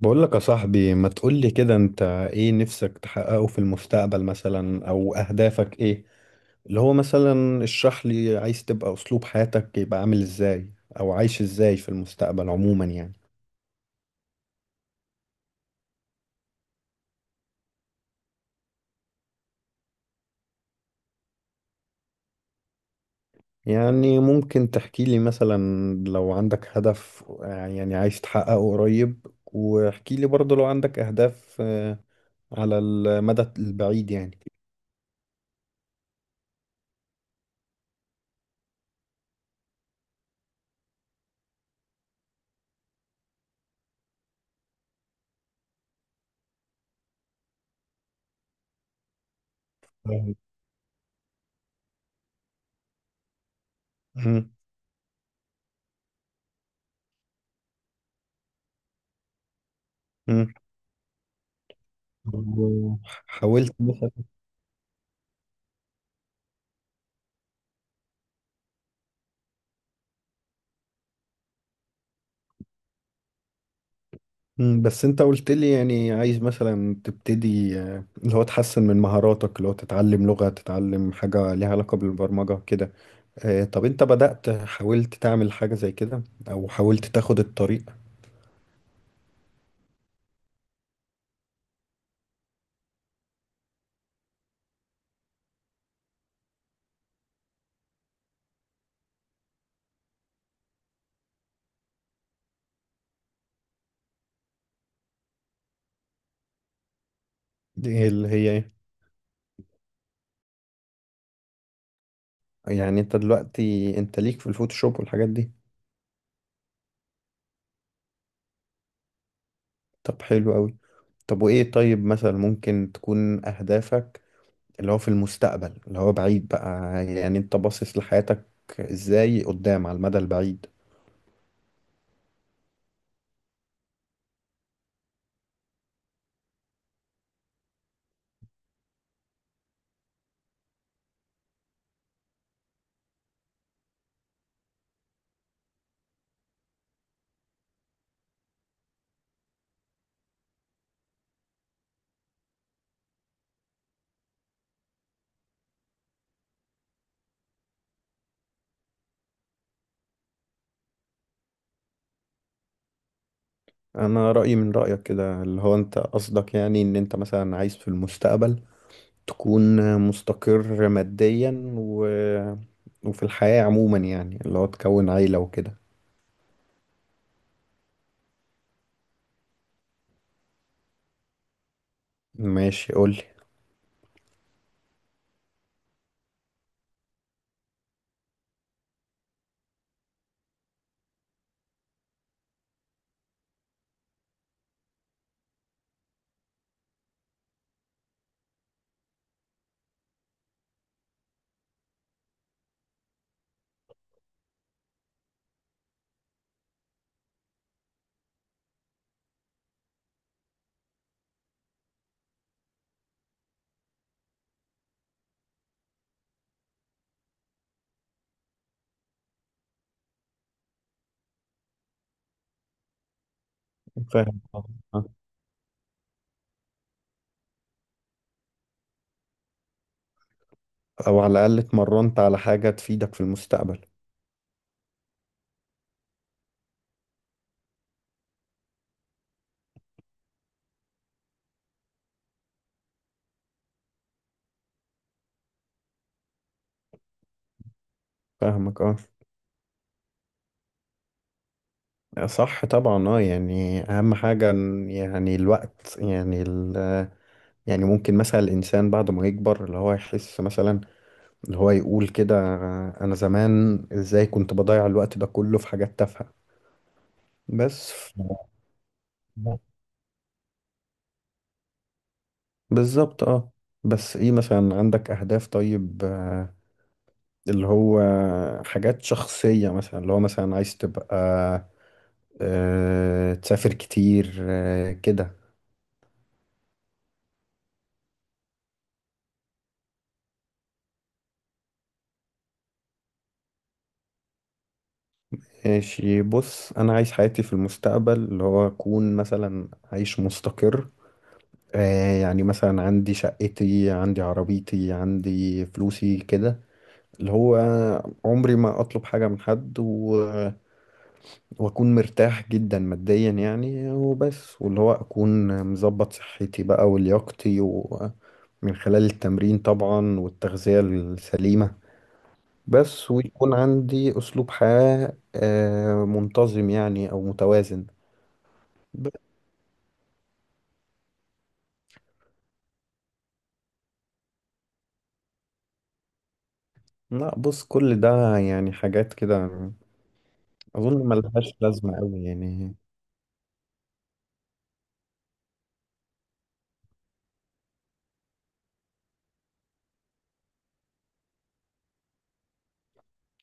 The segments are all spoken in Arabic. بقول لك يا صاحبي، ما تقولي كده. انت ايه نفسك تحققه في المستقبل مثلا؟ او اهدافك ايه؟ اللي هو مثلا اشرح لي، عايز تبقى اسلوب حياتك يبقى عامل ازاي؟ او عايش ازاي في المستقبل عموما يعني ممكن تحكي لي مثلا لو عندك هدف، يعني عايز تحققه قريب. واحكي لي برضه لو عندك اهداف على المدى البعيد يعني. مم. مم. حاولت. بس انت قلت لي يعني عايز مثلا تبتدي، اللي هو تحسن من مهاراتك، اللي هو تتعلم لغة، تتعلم حاجة ليها علاقة بالبرمجة كده. طب انت بدأت، حاولت تعمل حاجة زي كده او حاولت تاخد الطريق؟ دي اللي هي ايه؟ يعني انت دلوقتي انت ليك في الفوتوشوب والحاجات دي؟ طب حلو قوي. طب وايه، طيب مثلا ممكن تكون اهدافك اللي هو في المستقبل، اللي هو بعيد بقى؟ يعني انت باصص لحياتك ازاي قدام على المدى البعيد؟ انا رايي من رايك كده، اللي هو انت قصدك يعني ان انت مثلا عايز في المستقبل تكون مستقر ماديا، وفي الحياه عموما يعني، اللي هو تكون عيله وكده. ماشي، قول لي. فاهم. آه. او على الاقل اتمرنت على حاجه تفيدك في المستقبل. فاهمك اه. صح طبعا اه، يعني اهم حاجه، يعني الوقت، يعني يعني ممكن مثلا الانسان بعد ما يكبر اللي هو يحس مثلا، اللي هو يقول كده: انا زمان ازاي كنت بضيع الوقت ده كله في حاجات تافهة بس. بالظبط اه. بس ايه، مثلا عندك اهداف طيب، اللي هو حاجات شخصية؟ مثلا اللي هو مثلا عايز تبقى، تسافر كتير كده؟ ماشي. بص، انا عايز حياتي في المستقبل اللي هو اكون مثلا عايش مستقر. يعني مثلا عندي شقتي، عندي عربيتي، عندي فلوسي كده، اللي هو عمري ما اطلب حاجة من حد، واكون مرتاح جدا ماديا يعني وبس، واللي هو اكون مظبط صحتي بقى ولياقتي، ومن خلال التمرين طبعا والتغذية السليمة. بس ويكون عندي اسلوب حياة منتظم يعني او متوازن. ب- لا بص، كل ده يعني حاجات كده، اظن ملهاش لازمة قوي يعني.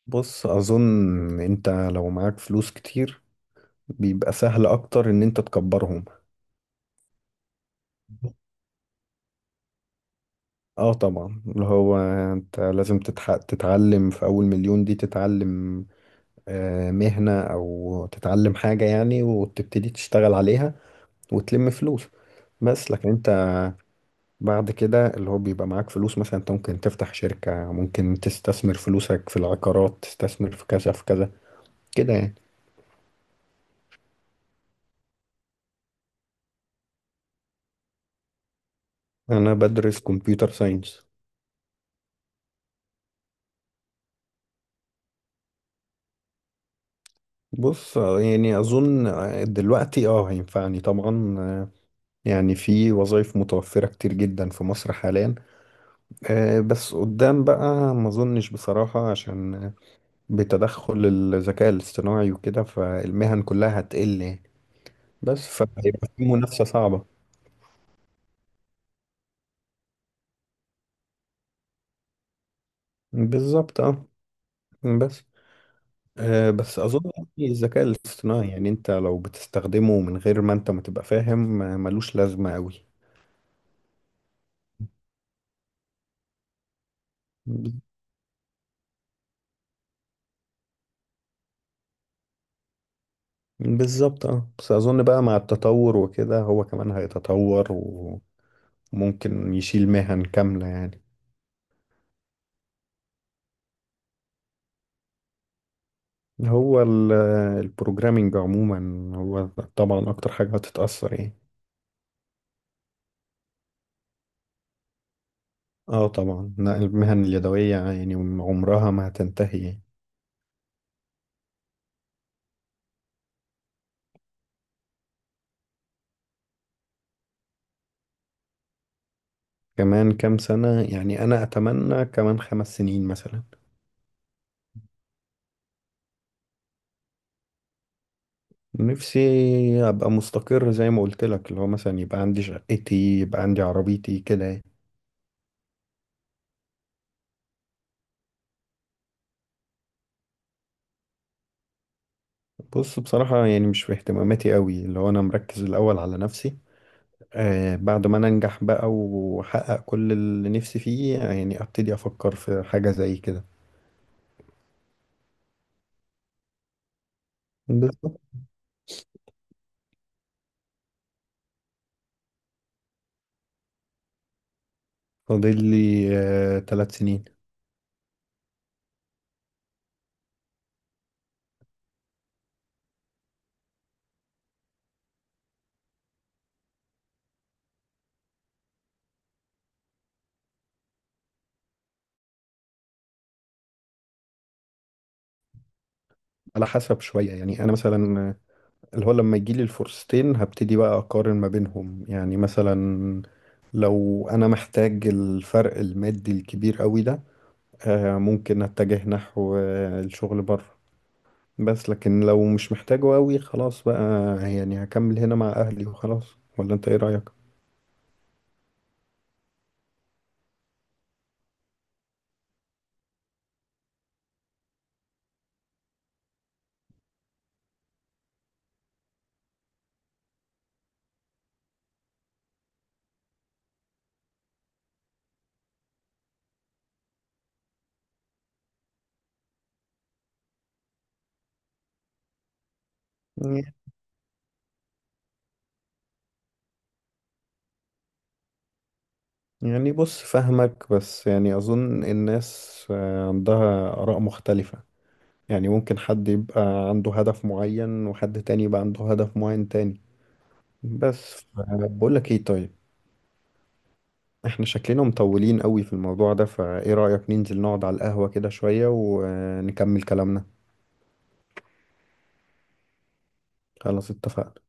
بص اظن انت لو معاك فلوس كتير بيبقى سهل اكتر ان انت تكبرهم. اه طبعا، اللي هو انت لازم تتعلم في اول مليون دي. تتعلم مهنة او تتعلم حاجة يعني، وتبتدي تشتغل عليها وتلم فلوس. بس لكن انت بعد كده اللي هو بيبقى معاك فلوس، مثلا انت ممكن تفتح شركة، ممكن تستثمر فلوسك في العقارات، تستثمر في كذا في كذا كده يعني. انا بدرس كمبيوتر ساينس. بص، يعني اظن دلوقتي اه هينفعني طبعا. يعني في وظائف متوفرة كتير جدا في مصر حاليا. بس قدام بقى ما اظنش بصراحة، عشان بتدخل الذكاء الاصطناعي وكده، فالمهن كلها هتقل يعني. بس فهيبقى في منافسة صعبة. بالظبط اه. بس بس اظن يعني الذكاء الاصطناعي، يعني انت لو بتستخدمه من غير ما انت ما تبقى فاهم، ملوش لازمة قوي. ب- بالظبط اه. بس اظن بقى مع التطور وكده، هو كمان هيتطور وممكن يشيل مهن كاملة يعني. هو البروجرامينج عموما، هو طبعا اكتر حاجة هتتأثر يعني. اه طبعا، لا المهن اليدوية يعني عمرها ما هتنتهي يعني. كمان كام سنة؟ يعني انا اتمنى كمان 5 سنين مثلا. نفسي ابقى مستقر زي ما قلت لك، اللي هو مثلا يبقى عندي شقتي، يبقى عندي عربيتي كده يعني. بص بصراحة يعني مش في اهتماماتي قوي، اللي هو انا مركز الاول على نفسي. آه، بعد ما انا انجح بقى واحقق كل اللي نفسي فيه يعني، ابتدي افكر في حاجة زي كده. بالظبط. فاضل لي 3 سنين. على حسب، شوية يعني. أنا مثلا اللي هو لما يجي لي الفرصتين، هبتدي بقى أقارن ما بينهم يعني. مثلا لو أنا محتاج الفرق المادي الكبير قوي ده، ممكن أتجه نحو الشغل بره. بس لكن لو مش محتاجه قوي، خلاص بقى، يعني هكمل هنا مع أهلي وخلاص. ولا أنت إيه رأيك؟ يعني بص فاهمك، بس يعني أظن الناس عندها آراء مختلفة. يعني ممكن حد يبقى عنده هدف معين وحد تاني يبقى عنده هدف معين تاني. بس بقول لك ايه طيب، احنا شكلنا مطولين قوي في الموضوع ده، فايه رأيك ننزل نقعد على القهوة كده شوية ونكمل كلامنا؟ خلاص اتفقنا.